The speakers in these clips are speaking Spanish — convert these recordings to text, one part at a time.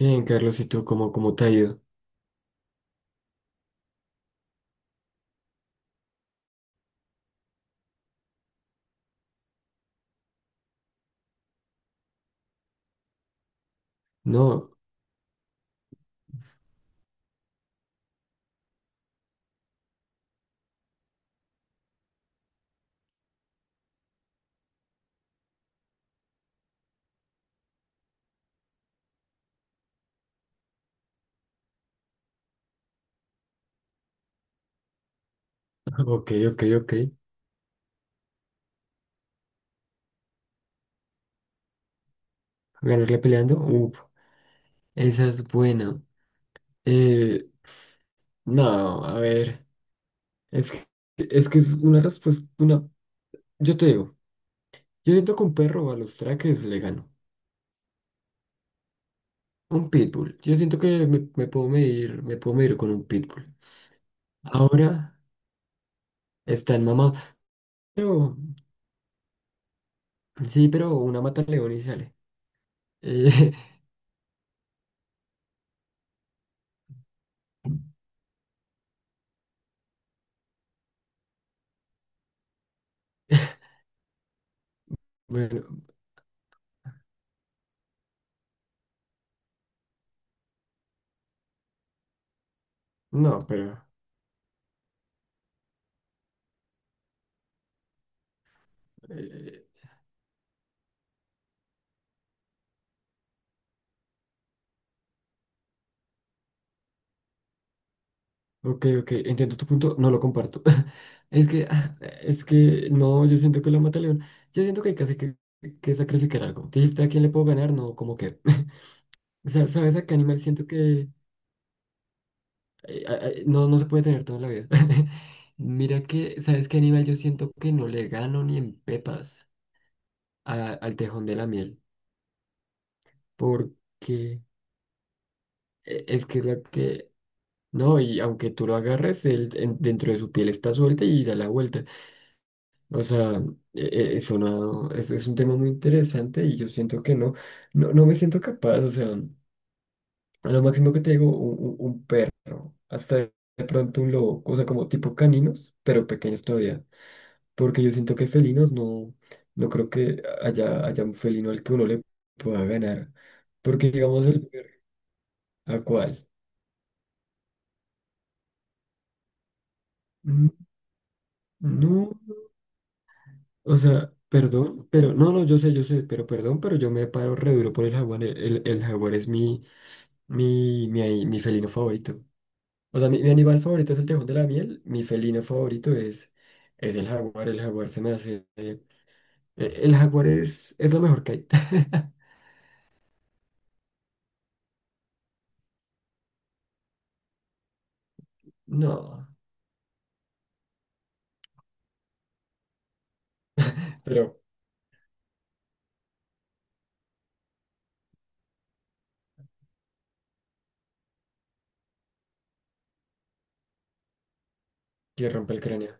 Bien, Carlos, ¿y tú cómo te ha ido? No, ok, ok, ok. ¿Ganarle peleando? Uf, esa es buena. Eh, no, a ver, es que, es que es una respuesta, una, yo te digo, yo siento que un perro a los traques le gano. Un pitbull, yo siento que me puedo medir con un pitbull. Ahora están mamados, pero, sí, pero una mata al león y sale. Eh, bueno, no, pero... eh, Ok, ok, entiendo tu punto, no lo comparto. Es que, ah, es que, no, yo siento que lo mata león. Yo siento que hay que sacrificar algo. Dijiste a quién le puedo ganar, no, como que. O sea, ¿sabes a qué animal siento que no, no se puede tener toda la vida? Mira que, ¿sabes qué animal yo siento que no le gano ni en pepas al tejón de la miel? Porque es que es la que. No, y aunque tú lo agarres, dentro de su piel está suelta y da la vuelta. O sea, e- es una, es un tema muy interesante y yo siento que no me siento capaz, o sea, a lo máximo que te digo, un perro, hasta de pronto un lobo, o sea, como tipo caninos, pero pequeños todavía, porque yo siento que felinos no, no creo que haya un felino al que uno le pueda ganar, porque digamos el perro, ¿a cuál? Mm, no, o sea, perdón, pero no, no, yo sé, pero perdón, pero yo me paro re duro por el jaguar, el jaguar es mi... Mi, mi felino favorito. O sea, mi animal favorito es el tejón de la miel. Mi felino favorito es el jaguar. El jaguar se me hace. El jaguar es lo mejor que hay. No, pero que rompe el cráneo.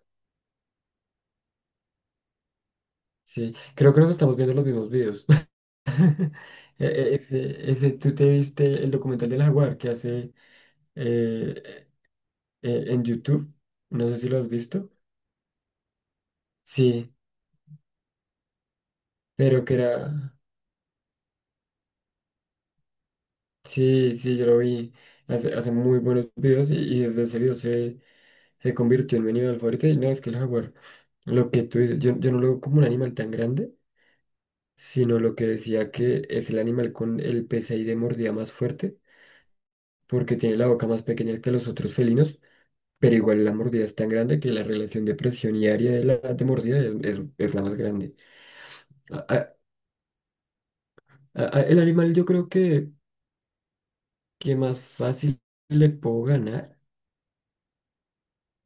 Sí, creo que nos estamos viendo los mismos videos. Tú te viste el documental del jaguar que hace eh, en YouTube. No sé si lo has visto. Sí, pero que era. Sí, sí, yo lo vi. Hace muy buenos videos y desde ese video se convirtió en mi animal favorito. Y no, es que el jaguar, lo que tú dices, yo no lo veo como un animal tan grande, sino lo que decía que es el animal con el PSI de mordida más fuerte, porque tiene la boca más pequeña que los otros felinos, pero igual la mordida es tan grande que la relación de presión y área de la de mordida es la más grande. A- a- el animal yo creo que más fácil le puedo ganar.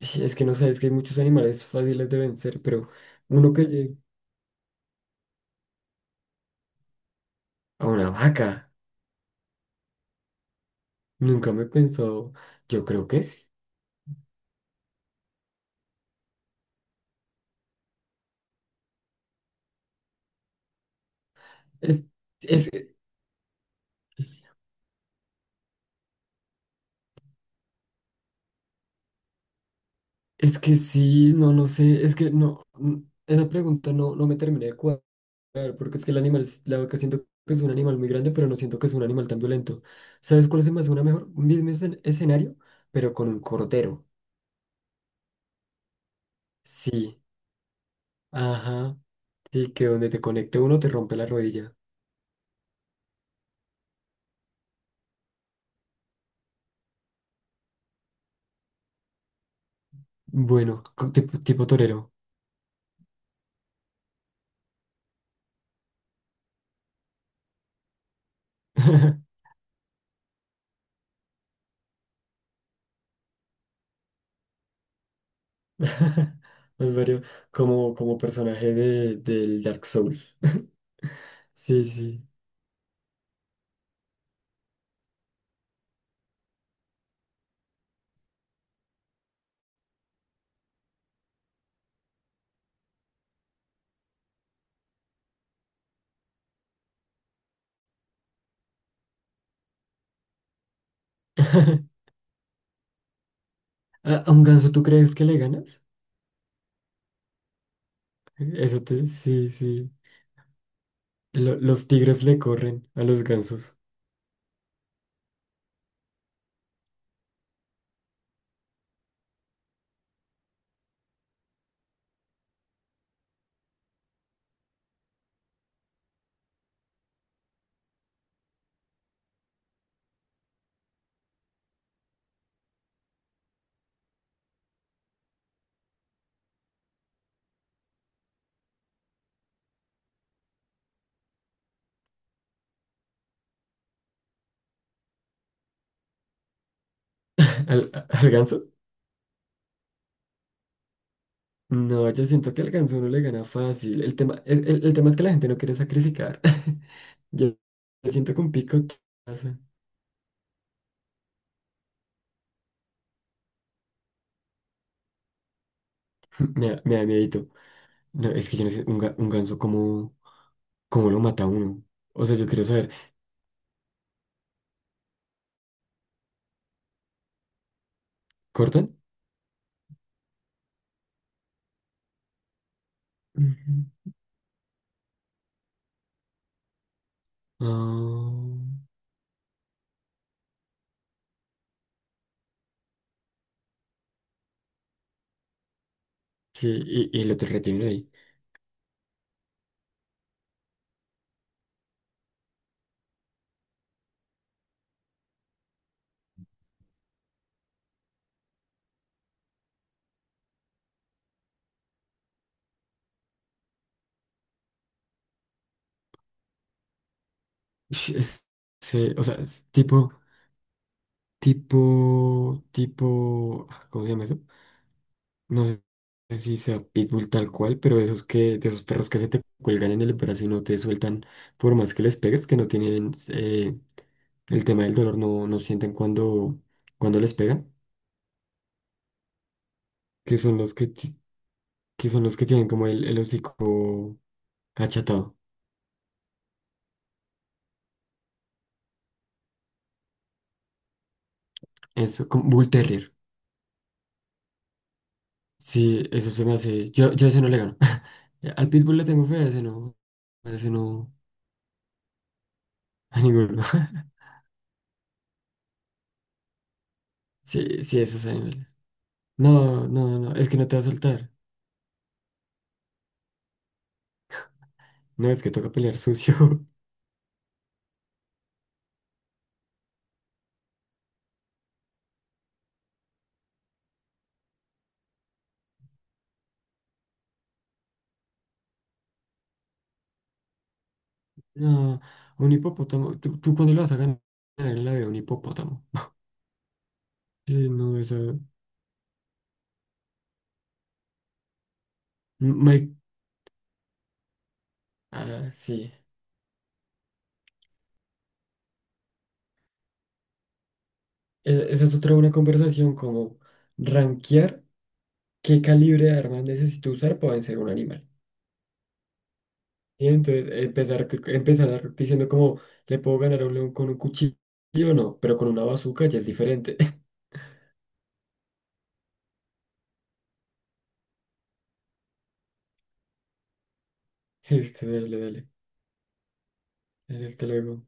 Sí, es que no sé, es que hay muchos animales fáciles de vencer, pero uno que llegue a una vaca, nunca me pensó, yo creo que es, es, es que sí, no, no sé, es que no, mm, esa pregunta no, no me terminé de cuadrar, porque es que el animal, la vaca siento que es un animal muy grande, pero no siento que es un animal tan violento. ¿Sabes cuál se me hace una mejor? Un mismo escenario, pero con un cordero. Sí, ajá, sí, que donde te conecte uno te rompe la rodilla. Bueno, tipo, torero. Los varios, como, como personaje de, del Dark Souls. Sí, sí. ¿A a un ganso tú crees que le ganas? Eso te... Sí, sí. Los tigres le corren a los gansos. ¿Al, al ganso? No, yo siento que al ganso no le gana fácil. El tema es que la gente no quiere sacrificar. Yo siento que un pico... te pasa. Me da miedito. No, es que yo no sé, un ganso, cómo lo mata uno? O sea, yo quiero saber, ¿cortan? Ujú. Ah, sí, y el otro retiene ahí. Ish, Es- o sea, es tipo, ah, ¿cómo se llama eso? No sé si sea pitbull tal cual, pero de esos que, de esos perros que se te cuelgan en el brazo y no te sueltan por más que les pegues, que no tienen el tema del dolor, no, no sienten cuando les pegan, que son los que son los que tienen como el hocico achatado. Eso, como bull terrier. Sí, eso se me hace. Yo a ese no le gano. Al pitbull le tengo fe, a ese no. A ese no. A ninguno. Sí, sí, esos animales. No, no, no. Es que no te va a soltar. No, es que toca pelear sucio. No, un hipopótamo. Tú cuándo lo vas a ganar en la vida? Un hipopótamo. Sí, no, esa. Mike. Ah, sí. E- esa es otra buena conversación, como rankear qué calibre de armas necesito usar para vencer a un animal. Y entonces empezar diciendo como, ¿le puedo ganar a un león con un cuchillo? No, pero con una bazooka ya es diferente. Dale, dale. Dale, hasta luego.